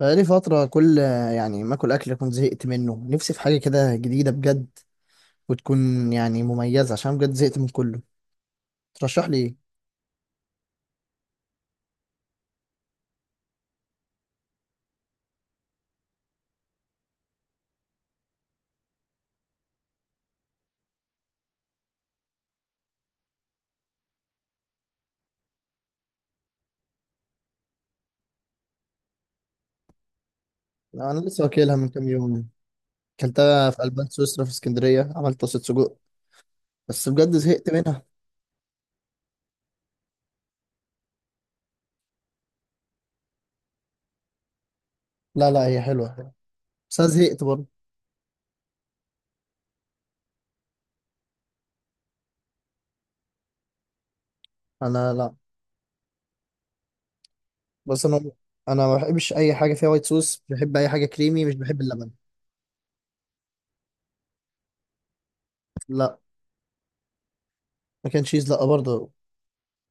بقالي فترة كل، يعني ما اكل، كنت زهقت منه. نفسي في حاجة كده جديدة بجد، وتكون يعني مميزة عشان بجد زهقت من كله. ترشح لي ايه؟ انا لسه واكلها من كام يوم، اكلتها في البان سويسرا في اسكندرية، عملت طاسة سجق بس بجد زهقت منها. لا لا، هي حلوة، بس انا زهقت برضه. انا لا. بس انا ما بحبش اي حاجة فيها وايت صوص، بحب اي حاجة كريمي، مش بحب اللبن. لا، ما كان تشيز لا برضه،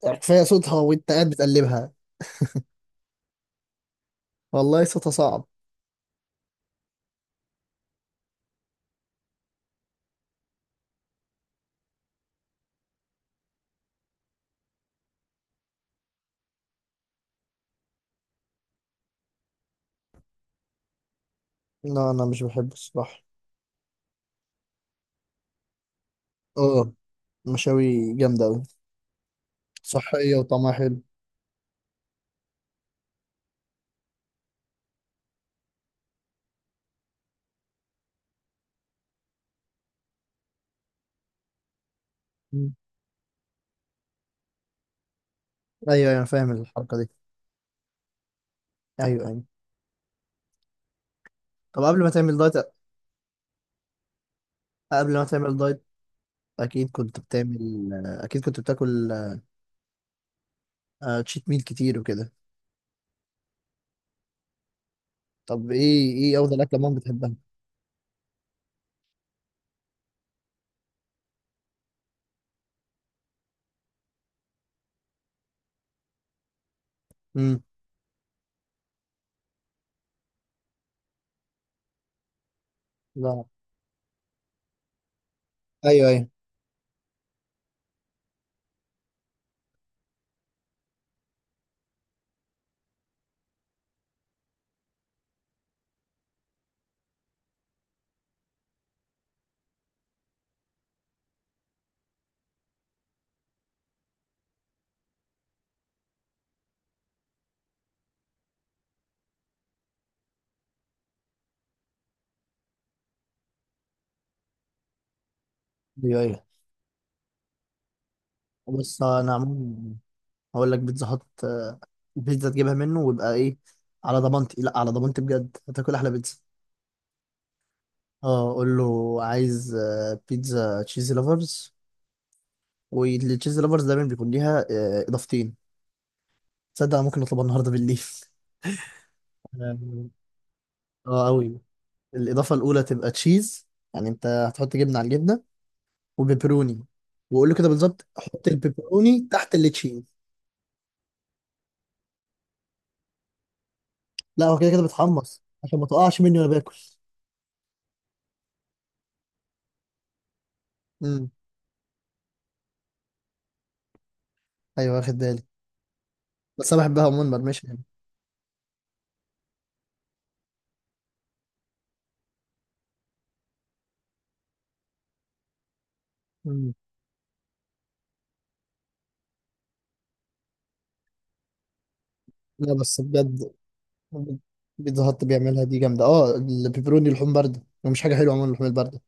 كفاية صوتها وانت قاعد بتقلبها. والله صوتها صعب. لا انا مش بحبه الصراحة. اه، مشاوي جامدة أوي، صحية وطعمها حلو. مم. أيوه أيوه، أنا فاهم الحركة دي. أيوه أيوه. طب قبل ما تعمل دايت، أكيد كنت بتعمل أكيد كنت بتاكل تشيت ميل كتير وكده. طب إيه أفضل أكلة ماما بتحبها؟ امم. لا. أيوه أيوه. أيوه أيوه. بص أنا عموما هقول لك، بيتزا هات بيتزا تجيبها منه ويبقى إيه. على ضمانتي، لا على ضمانتي بجد هتاكل أحلى بيتزا. أه، قول له عايز بيتزا تشيزي لافرز، والتشيز لافرز دايما بيكون ليها اضافتين. تصدق أنا ممكن نطلبها النهارده بالليل. اه. آه، قوي. الاضافه الاولى تبقى تشيز، يعني انت هتحط جبنه على الجبنه وبيبروني. وقول له كده بالظبط، حط البيبروني تحت التشيز. لا هو كده كده بتحمص عشان ما تقعش مني وانا باكل. امم. ايوه، واخد بالي. بس انا بحبها عموما مرمشه يعني. مم. لا بس بجد، بيتزا هات بيعملها دي جامده. اه، البيبروني لحوم بارده ومش حاجه حلوه عموما اللحوم البارده.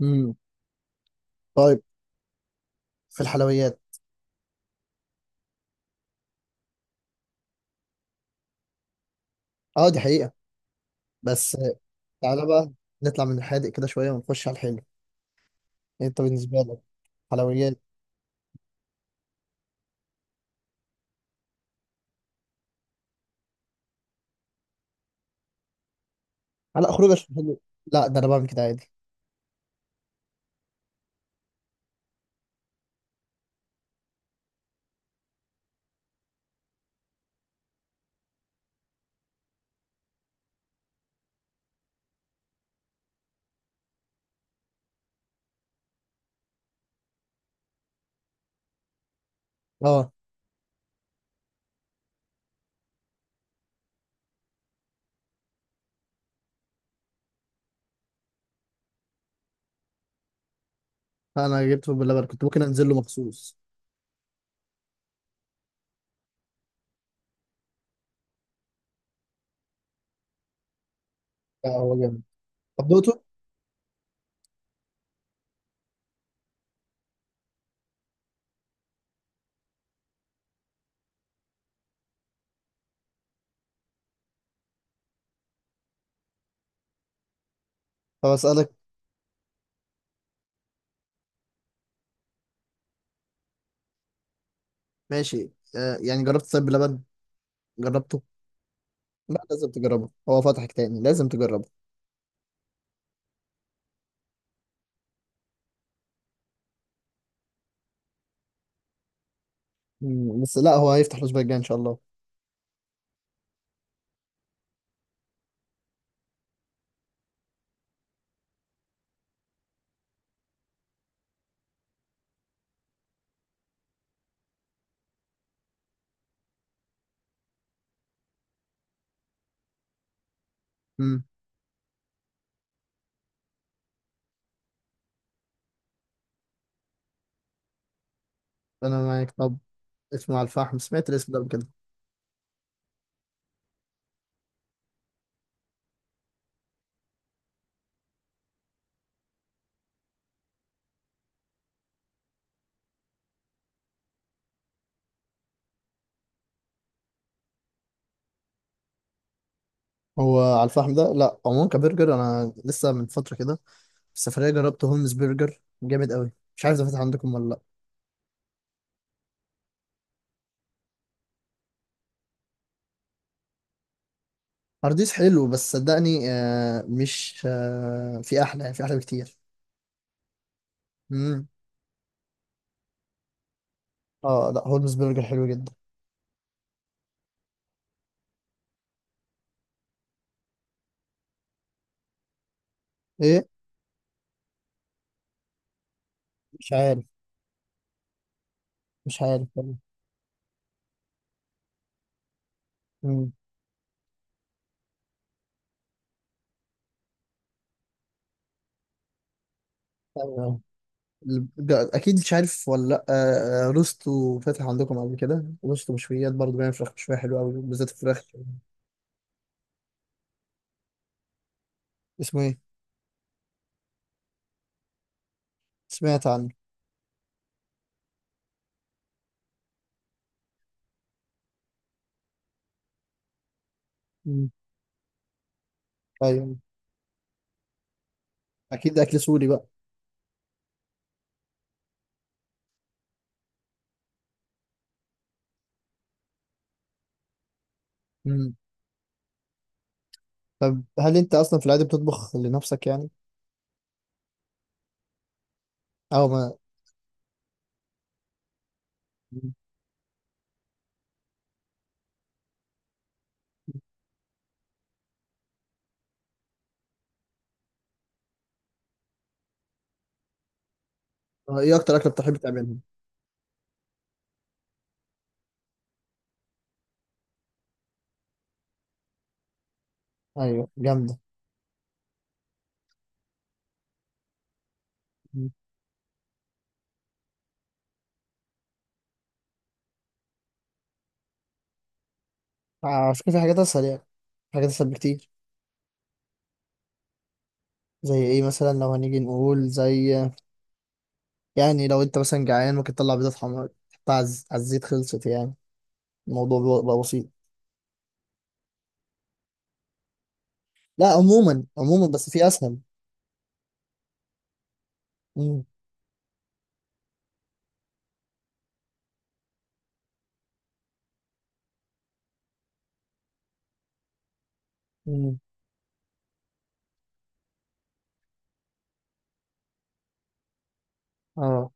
امم. طيب، في الحلويات؟ اه دي حقيقه. بس تعالى بقى، نطلع من الحادق كده شوية ونخش على الحلو. انت بالنسبة لك حلويات؟ لا خروج عشان حلو؟ لا ده انا بعمل كده عادي. اه، انا جبته باللبن كنت ممكن انزل له مخصوص. لا هو جامد. طب دوقته. طب اسألك. ماشي. آه، يعني جربت طيب باللبن؟ جربته؟ لا لازم تجربه، هو فتحك تاني، لازم تجربه. مم. بس لا، هو هيفتح الأسبوع الجاي إن شاء الله. امم. أنا معاك طب. اسمه على الفحم، سمعت الاسم ده قبل كده. هو على الفحم ده، لا عموما كبرجر، أنا لسه من فترة كده السفرية جربت هولمز برجر جامد قوي، مش عارف ده فاتح عندكم ولا لأ. هارديس حلو بس صدقني، مش في أحلى، يعني في أحلى بكتير. مم. اه لا، هولمز برجر حلو جدا. ايه؟ مش عارف. مش عارف والله. مم. أيوة. أيوة. أكيد مش عارف ولا لأ، روستو فاتح عندكم قبل كده؟ روستو مشويات برضه، بيعمل فراخ مشوية حلوة أوي بالذات الفراخ. اسمه إيه؟ سمعت عنه. مم. أيوه، أكيد أكل سوري بقى. مم. طب هل أنت أصلا في العادة بتطبخ لنفسك يعني؟ أو ما. ايه اكتر اكله بتحب تعملها؟ ايوه جامده. مم. على فكره في حاجات اسهل يعني، في حاجات اسهل بكتير. زي ايه مثلا؟ لو هنيجي نقول زي، يعني لو انت مثلا جعان، ممكن تطلع بيضه حمراء تحطها على على الزيت، خلصت يعني. الموضوع بيبقى بقى بسيط. لا عموما عموما، بس في اسهل. مم. مم. اه.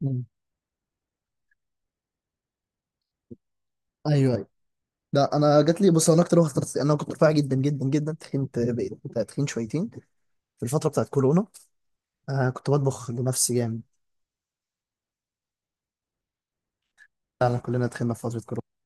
مم. ايوه ايوه. لا انا جات لي، بص انا اكتر واحده اخترت، انا كنت رفيع جدا جدا جدا، تخنت بقيت تخين شويتين في الفتره بتاعت كورونا، كنت بطبخ لنفسي جامد. فعلا كلنا تخنا في فتره كورونا